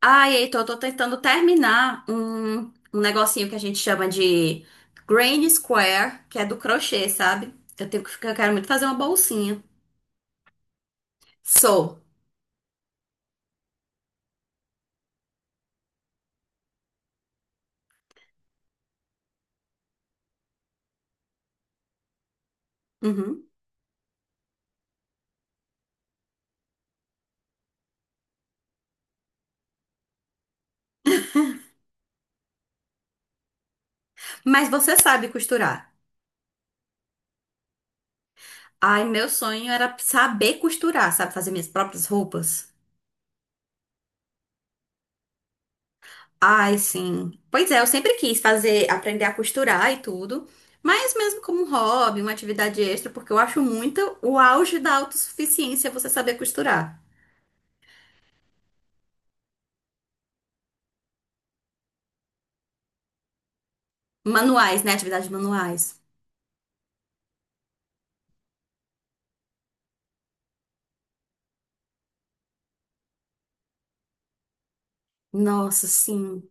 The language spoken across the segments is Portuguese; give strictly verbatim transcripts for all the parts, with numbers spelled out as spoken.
Ai, Heitor, eu tô tentando terminar um, um negocinho que a gente chama de Granny Square, que é do crochê, sabe? Eu tenho que ficar, eu quero muito fazer uma bolsinha. Sou. Uhum. Mas você sabe costurar. Ai, meu sonho era saber costurar, sabe? Fazer minhas próprias roupas. Ai, sim. Pois é, eu sempre quis fazer, aprender a costurar e tudo. Mas mesmo como um hobby, uma atividade extra, porque eu acho muito o auge da autossuficiência você saber costurar. Manuais, né? Atividades manuais. Nossa, sim.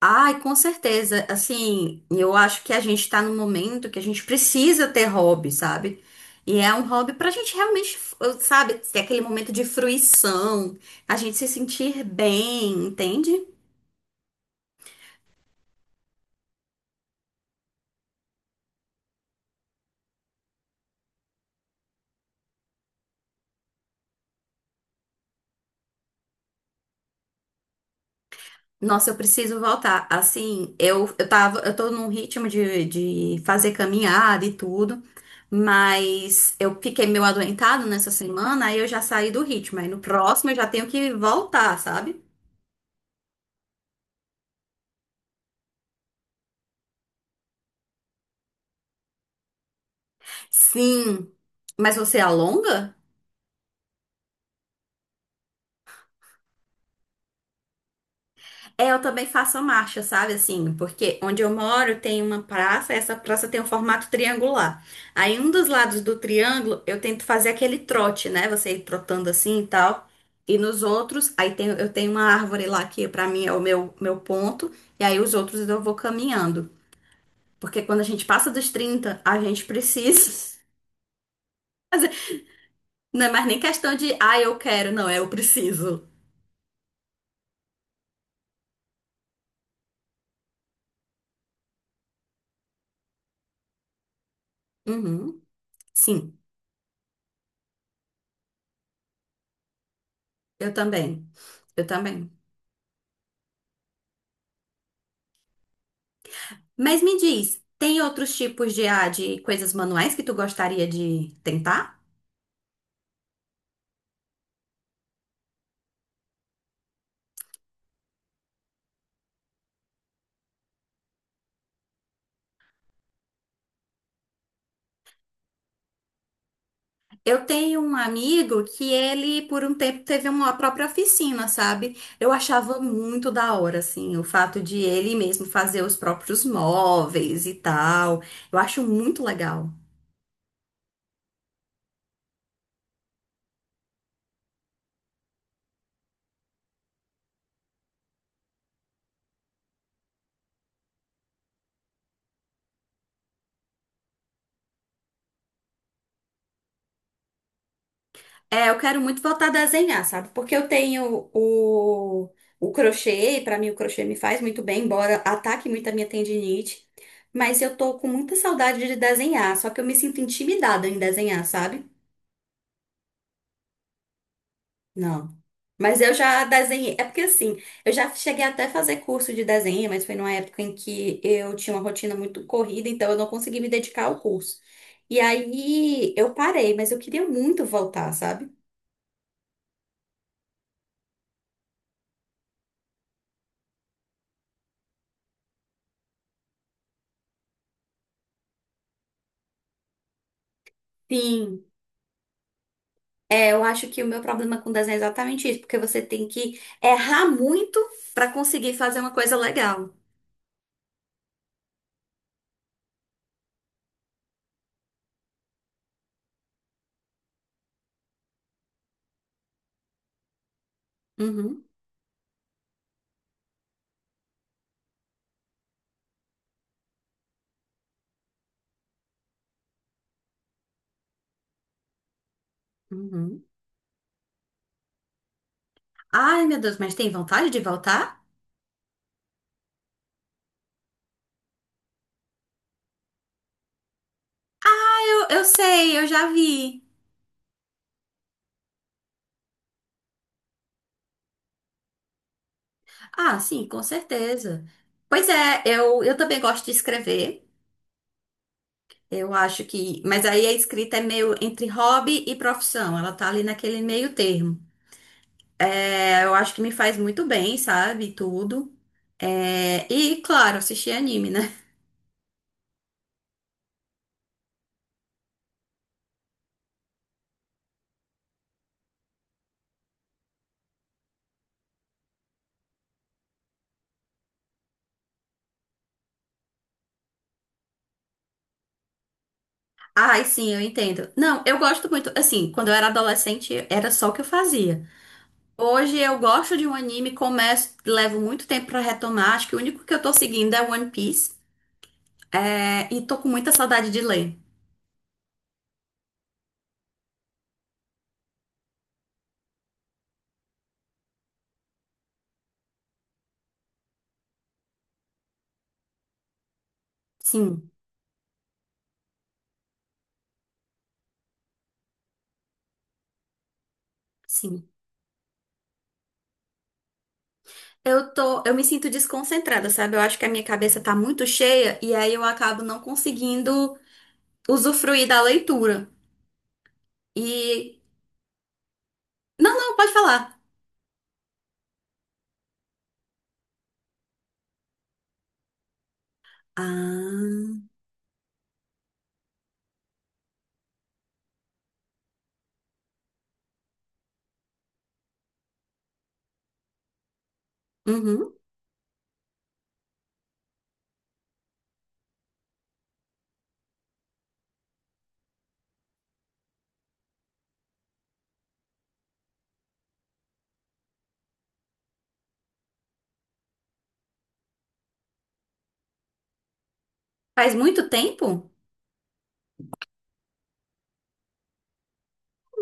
Ai, com certeza. Assim, eu acho que a gente tá num momento que a gente precisa ter hobby, sabe? E é um hobby pra gente realmente, sabe, ter aquele momento de fruição, a gente se sentir bem, entende? Nossa, eu preciso voltar. Assim, eu, eu tava, eu tô num ritmo de, de fazer caminhada e tudo, mas eu fiquei meio adoentado nessa semana, aí eu já saí do ritmo. Aí no próximo eu já tenho que voltar, sabe? Sim, mas você alonga? É, eu também faço a marcha, sabe assim? Porque onde eu moro tem uma praça, essa praça tem um formato triangular. Aí um dos lados do triângulo eu tento fazer aquele trote, né? Você ir trotando assim e tal. E nos outros, aí tem, eu tenho uma árvore lá que pra mim é o meu, meu ponto, e aí os outros eu vou caminhando. Porque quando a gente passa dos trinta a gente precisa. Não é mais nem questão de, ah, eu quero, não, é eu preciso. Uhum, sim. Eu também. Eu também. Mas me diz, tem outros tipos de, ah, de coisas manuais que tu gostaria de tentar? Eu tenho um amigo que ele, por um tempo, teve uma própria oficina, sabe? Eu achava muito da hora, assim, o fato de ele mesmo fazer os próprios móveis e tal. Eu acho muito legal. É, eu quero muito voltar a desenhar, sabe? Porque eu tenho o, o crochê, e pra mim o crochê me faz muito bem, embora ataque muito a minha tendinite. Mas eu tô com muita saudade de desenhar, só que eu me sinto intimidada em desenhar, sabe? Não. Mas eu já desenhei. É porque assim, eu já cheguei até a fazer curso de desenho, mas foi numa época em que eu tinha uma rotina muito corrida, então eu não consegui me dedicar ao curso. E aí eu parei, mas eu queria muito voltar, sabe? Sim. É, eu acho que o meu problema com desenho é exatamente isso, porque você tem que errar muito pra conseguir fazer uma coisa legal. Uhum, uhum. Ai, meu Deus, mas tem vontade de voltar? Eu, eu sei, eu já vi. Ah, sim, com certeza. Pois é, eu, eu também gosto de escrever. Eu acho que. Mas aí a escrita é meio entre hobby e profissão. Ela tá ali naquele meio termo. É, eu acho que me faz muito bem, sabe? Tudo. É, e, claro, assistir anime, né? Ai, sim, eu entendo. Não, eu gosto muito. Assim, quando eu era adolescente, era só o que eu fazia. Hoje eu gosto de um anime, começo, levo muito tempo pra retomar. Acho que o único que eu tô seguindo é One Piece. É, e tô com muita saudade de ler. Sim, sim. Eu tô, eu me sinto desconcentrada, sabe? Eu acho que a minha cabeça tá muito cheia e aí eu acabo não conseguindo usufruir da leitura. E não, não, pode falar. Ah, uhum. Faz muito tempo?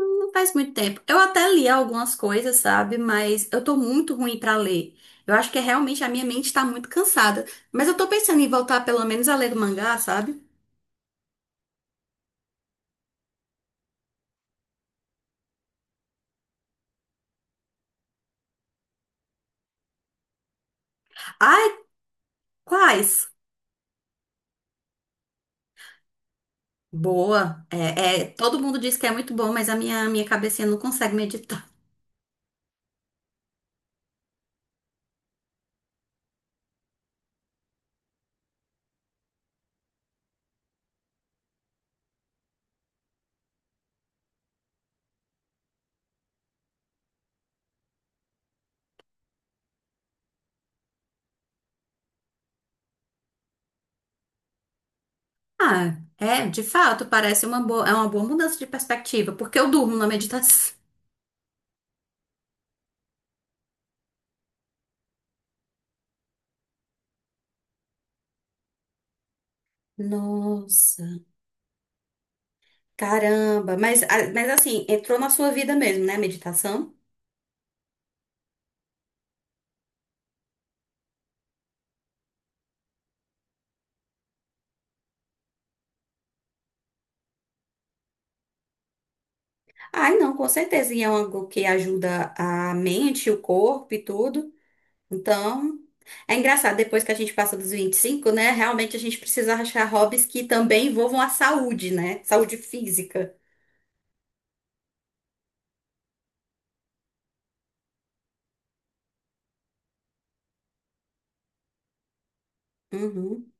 Não faz muito tempo. Eu até li algumas coisas, sabe? Mas eu tô muito ruim pra ler. Eu acho que é realmente a minha mente tá muito cansada. Mas eu tô pensando em voltar pelo menos a ler o mangá, sabe? Ai, quais? Boa. É, é, todo mundo diz que é muito bom, mas a minha, minha cabecinha não consegue meditar. Ah, é, de fato, parece uma boa, é uma boa mudança de perspectiva, porque eu durmo na meditação. Nossa, caramba. Mas, a- mas assim, entrou na sua vida mesmo, né, a meditação? Ai, não, com certeza. E é algo que ajuda a mente, o corpo e tudo. Então, é engraçado, depois que a gente passa dos vinte e cinco né? Realmente a gente precisa achar hobbies que também envolvam a saúde, né? Saúde física. Uhum,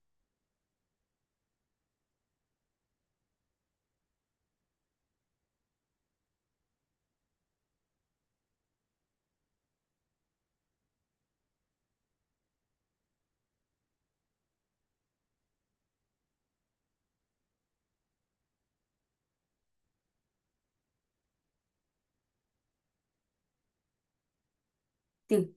sim.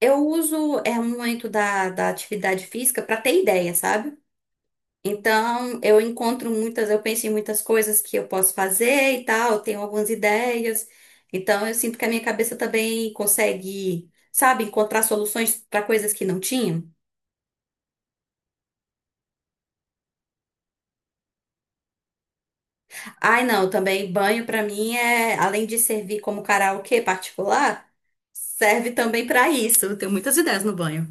Eu uso é, um momento da, da atividade física para ter ideia, sabe? Então, eu encontro muitas, eu penso em muitas coisas que eu posso fazer e tal, eu tenho algumas ideias. Então, eu sinto que a minha cabeça também consegue, sabe, encontrar soluções para coisas que não tinha. Ai, não, também banho para mim é, além de servir como karaokê particular, serve também para isso. Eu tenho muitas ideias no banho.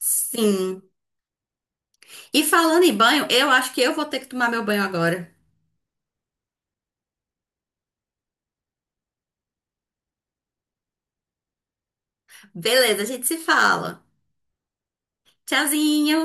Sim. E falando em banho, eu acho que eu vou ter que tomar meu banho agora. Beleza, a gente se fala. Tchauzinho.